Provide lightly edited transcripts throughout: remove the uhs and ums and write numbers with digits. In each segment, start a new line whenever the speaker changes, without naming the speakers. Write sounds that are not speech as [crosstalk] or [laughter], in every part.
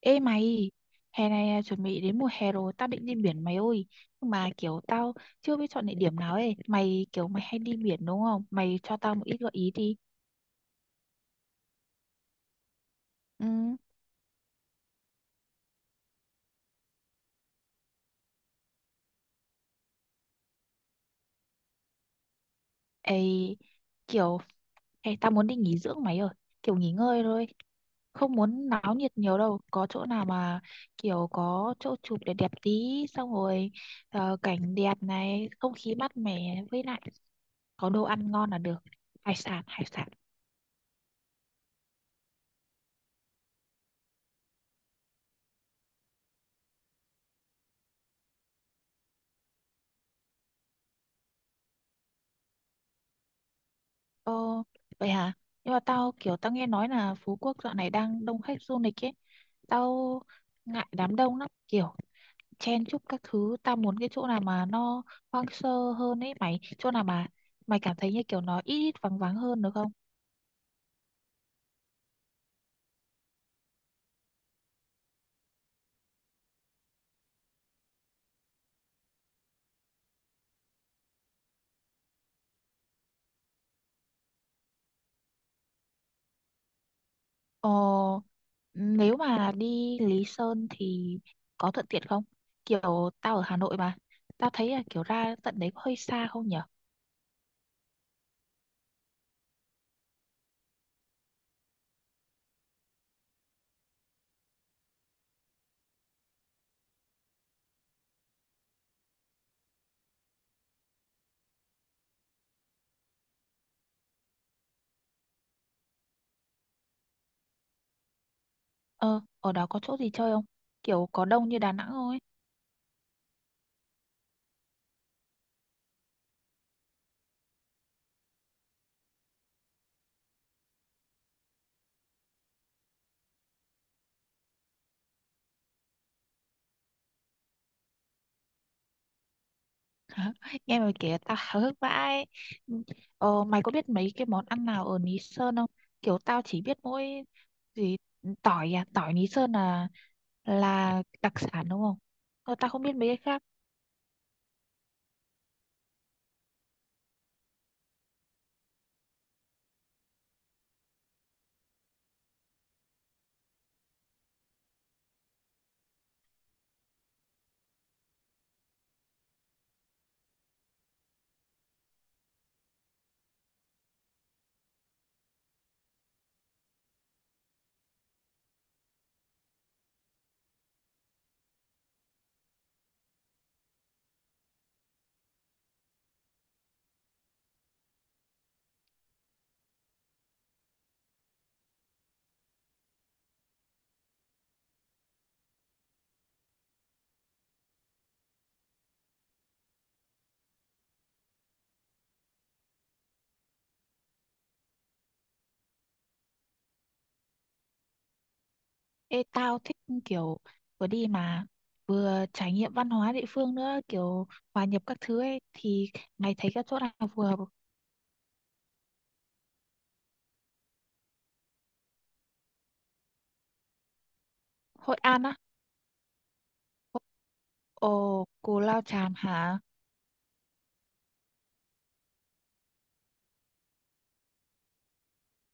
Ê mày, hè này à, chuẩn bị đến mùa hè rồi, tao định đi biển mày ơi. Nhưng mà kiểu tao chưa biết chọn địa điểm nào ấy. Mày kiểu mày hay đi biển đúng không? Mày cho tao một ít gợi ý đi. Ừ, ê, kiểu tao muốn đi nghỉ dưỡng mày ơi. Kiểu nghỉ ngơi thôi. Không muốn náo nhiệt nhiều đâu. Có chỗ nào mà kiểu có chỗ chụp để đẹp đẹp tí. Xong rồi cảnh đẹp này, không khí mát mẻ với lại có đồ ăn ngon là được. Hải sản, hải sản. Ờ, vậy hả? Nhưng mà tao kiểu tao nghe nói là Phú Quốc dạo này đang đông khách du lịch ấy. Tao ngại đám đông lắm, kiểu chen chúc các thứ. Tao muốn cái chỗ nào mà nó hoang sơ hơn ấy mày. Chỗ nào mà mày cảm thấy như kiểu nó ít ít vắng vắng hơn được không? Ờ, nếu mà đi Lý Sơn thì có thuận tiện không? Kiểu tao ở Hà Nội mà. Tao thấy là kiểu ra tận đấy có hơi xa không nhở? Ờ, ở đó có chỗ gì chơi không? Kiểu có đông như Đà Nẵng không ấy? [laughs] Nghe mày kể tao háo hức vãi. Ờ, mày có biết mấy cái món ăn nào ở Lý Sơn không? Kiểu tao chỉ biết mỗi gì tỏi à, tỏi Lý Sơn là đặc sản đúng không? Ờ, tao không biết mấy cái khác. Ê, tao thích kiểu vừa đi mà vừa trải nghiệm văn hóa địa phương nữa, kiểu hòa nhập các thứ ấy thì mày thấy các chỗ nào phù hợp? Hội An á. Ồ, Cù Lao Chàm hả?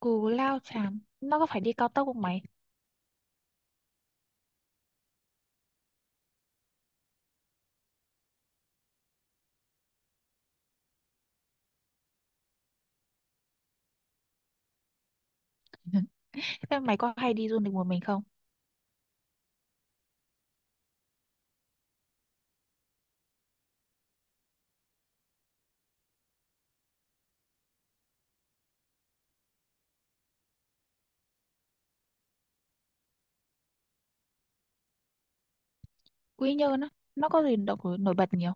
Cù Lao Chàm, nó có phải đi cao tốc không mày? Thế mày có hay đi du lịch một mình không? Quy Nhơn á, nó có gì độc nổi bật nhiều.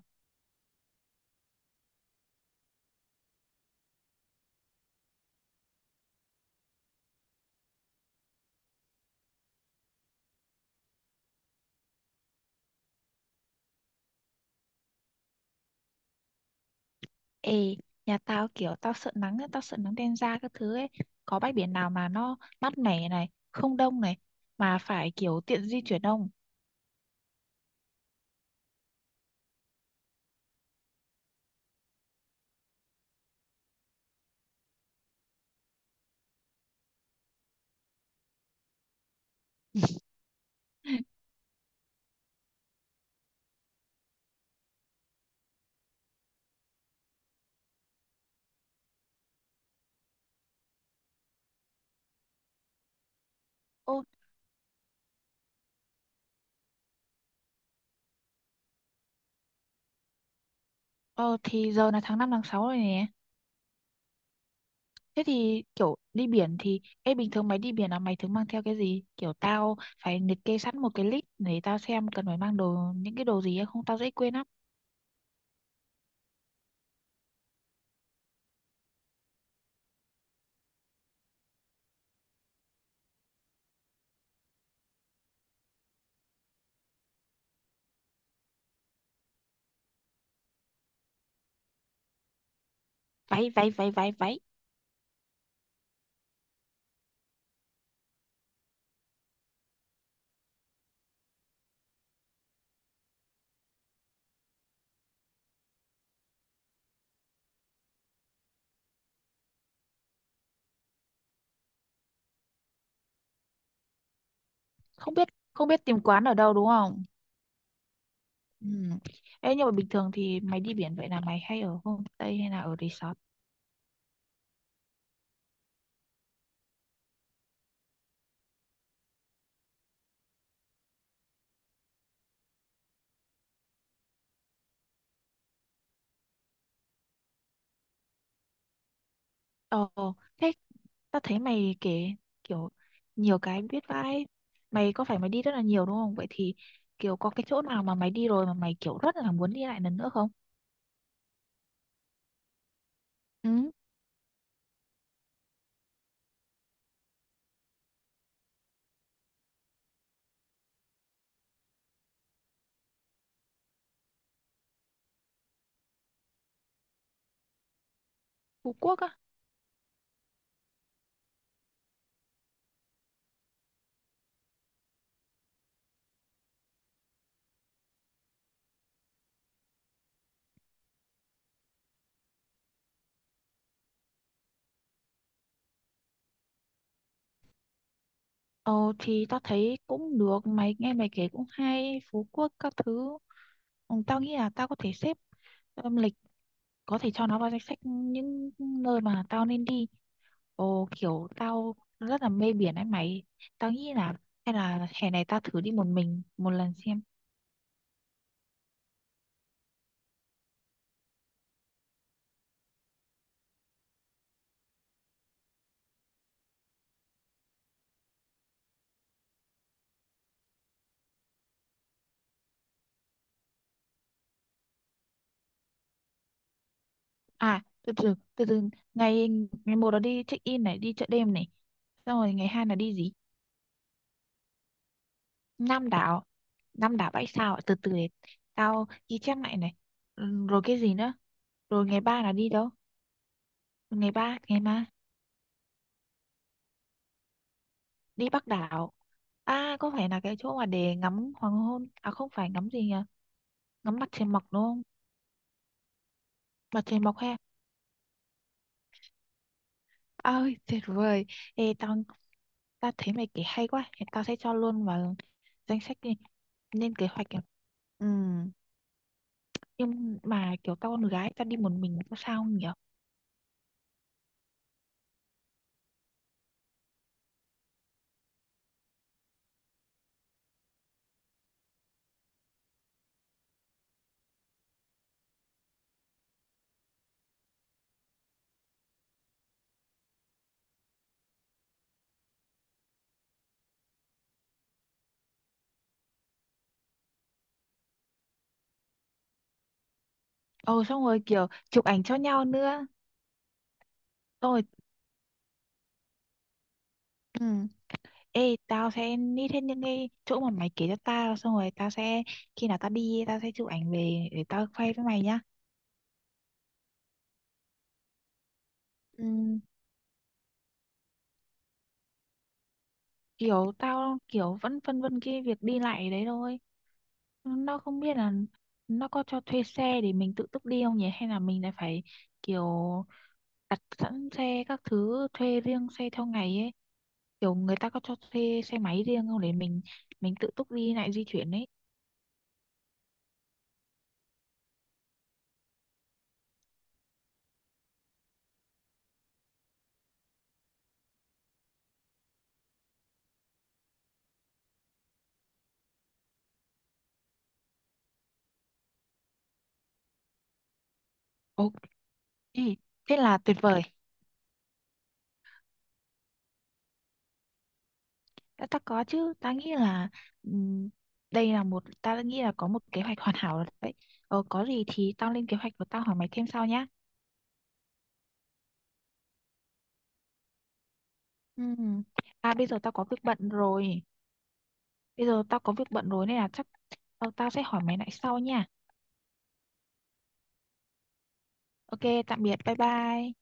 Ê, nhà tao kiểu tao sợ nắng, á, tao sợ nắng đen da các thứ ấy. Có bãi biển nào mà nó mát mẻ này, không đông này, mà phải kiểu tiện di chuyển không? [laughs] Ô, ờ, thì giờ là tháng 5 tháng 6 rồi nè. Thế thì kiểu đi biển thì, ê bình thường mày đi biển là mày thường mang theo cái gì? Kiểu tao phải liệt kê sẵn một cái list để tao xem cần phải mang đồ, những cái đồ gì ấy, không tao dễ quên lắm. Váy, váy, váy, váy, váy. Không biết, không biết tìm quán ở đâu đúng không? Ừ. Ê, nhưng mà bình thường thì mày đi biển vậy là mày hay ở homestay hay là ở resort? Ồ, thế tao thấy mày kể kiểu nhiều cái biết vãi. Mày có phải mày đi rất là nhiều đúng không? Vậy thì kiểu có cái chỗ nào mà mày đi rồi mà mày kiểu rất là muốn đi lại lần nữa không? Ừ, Phú Quốc á. Ồ, thì tao thấy cũng được. Mày nghe mày kể cũng hay. Phú Quốc các thứ. Ừ, tao nghĩ là tao có thể xếp lịch có thể cho nó vào danh sách những nơi mà tao nên đi. Ồ, kiểu tao rất là mê biển ấy mày. Tao nghĩ là hay là hè này tao thử đi một mình một lần xem. À, từ từ từ từ ngày ngày một là đi check in này, đi chợ đêm này. Xong rồi ngày 2 là đi gì? Nam đảo. Nam đảo bãi sao ạ? Từ từ để tao ghi chép lại này. Ừ, rồi cái gì nữa? Rồi ngày 3 là đi đâu? Ngày ba đi Bắc đảo. À, có phải là cái chỗ mà để ngắm hoàng hôn? À không phải ngắm gì nhỉ? Ngắm mặt trời mọc đúng không? Mặt trời mọc hay Ôi, tuyệt vời. Ê, tao thấy mày kể hay quá. Thì tao sẽ cho luôn vào danh sách đi. Lên kế hoạch. Ừ. Nhưng mà kiểu tao con gái, tao đi một mình có sao không nhỉ? Ồ, xong rồi kiểu chụp ảnh cho nhau nữa. Xong rồi. Ừ. Ê, tao sẽ nít hết những cái chỗ mà mày kể cho tao. Xong rồi tao sẽ, khi nào tao đi, tao sẽ chụp ảnh về để tao khoe với mày nhá. Ừ, kiểu tao kiểu vẫn phân vân cái việc đi lại đấy thôi, nó không biết là nó có cho thuê xe để mình tự túc đi không nhỉ, hay là mình lại phải kiểu đặt sẵn xe các thứ thuê riêng xe theo ngày ấy, kiểu người ta có cho thuê xe máy riêng không để mình tự túc đi lại di chuyển ấy. Ok, thế là tuyệt vời. Đã ta có chứ, ta nghĩ là ừm, đây là một ta nghĩ là có một kế hoạch hoàn hảo rồi đấy. Có gì thì tao lên kế hoạch và tao hỏi mày thêm sau nhá. Ừm. À bây giờ tao có việc bận rồi. Bây giờ tao có việc bận rồi nên là chắc tao sẽ hỏi mày lại sau nha. Ok, tạm biệt, bye bye.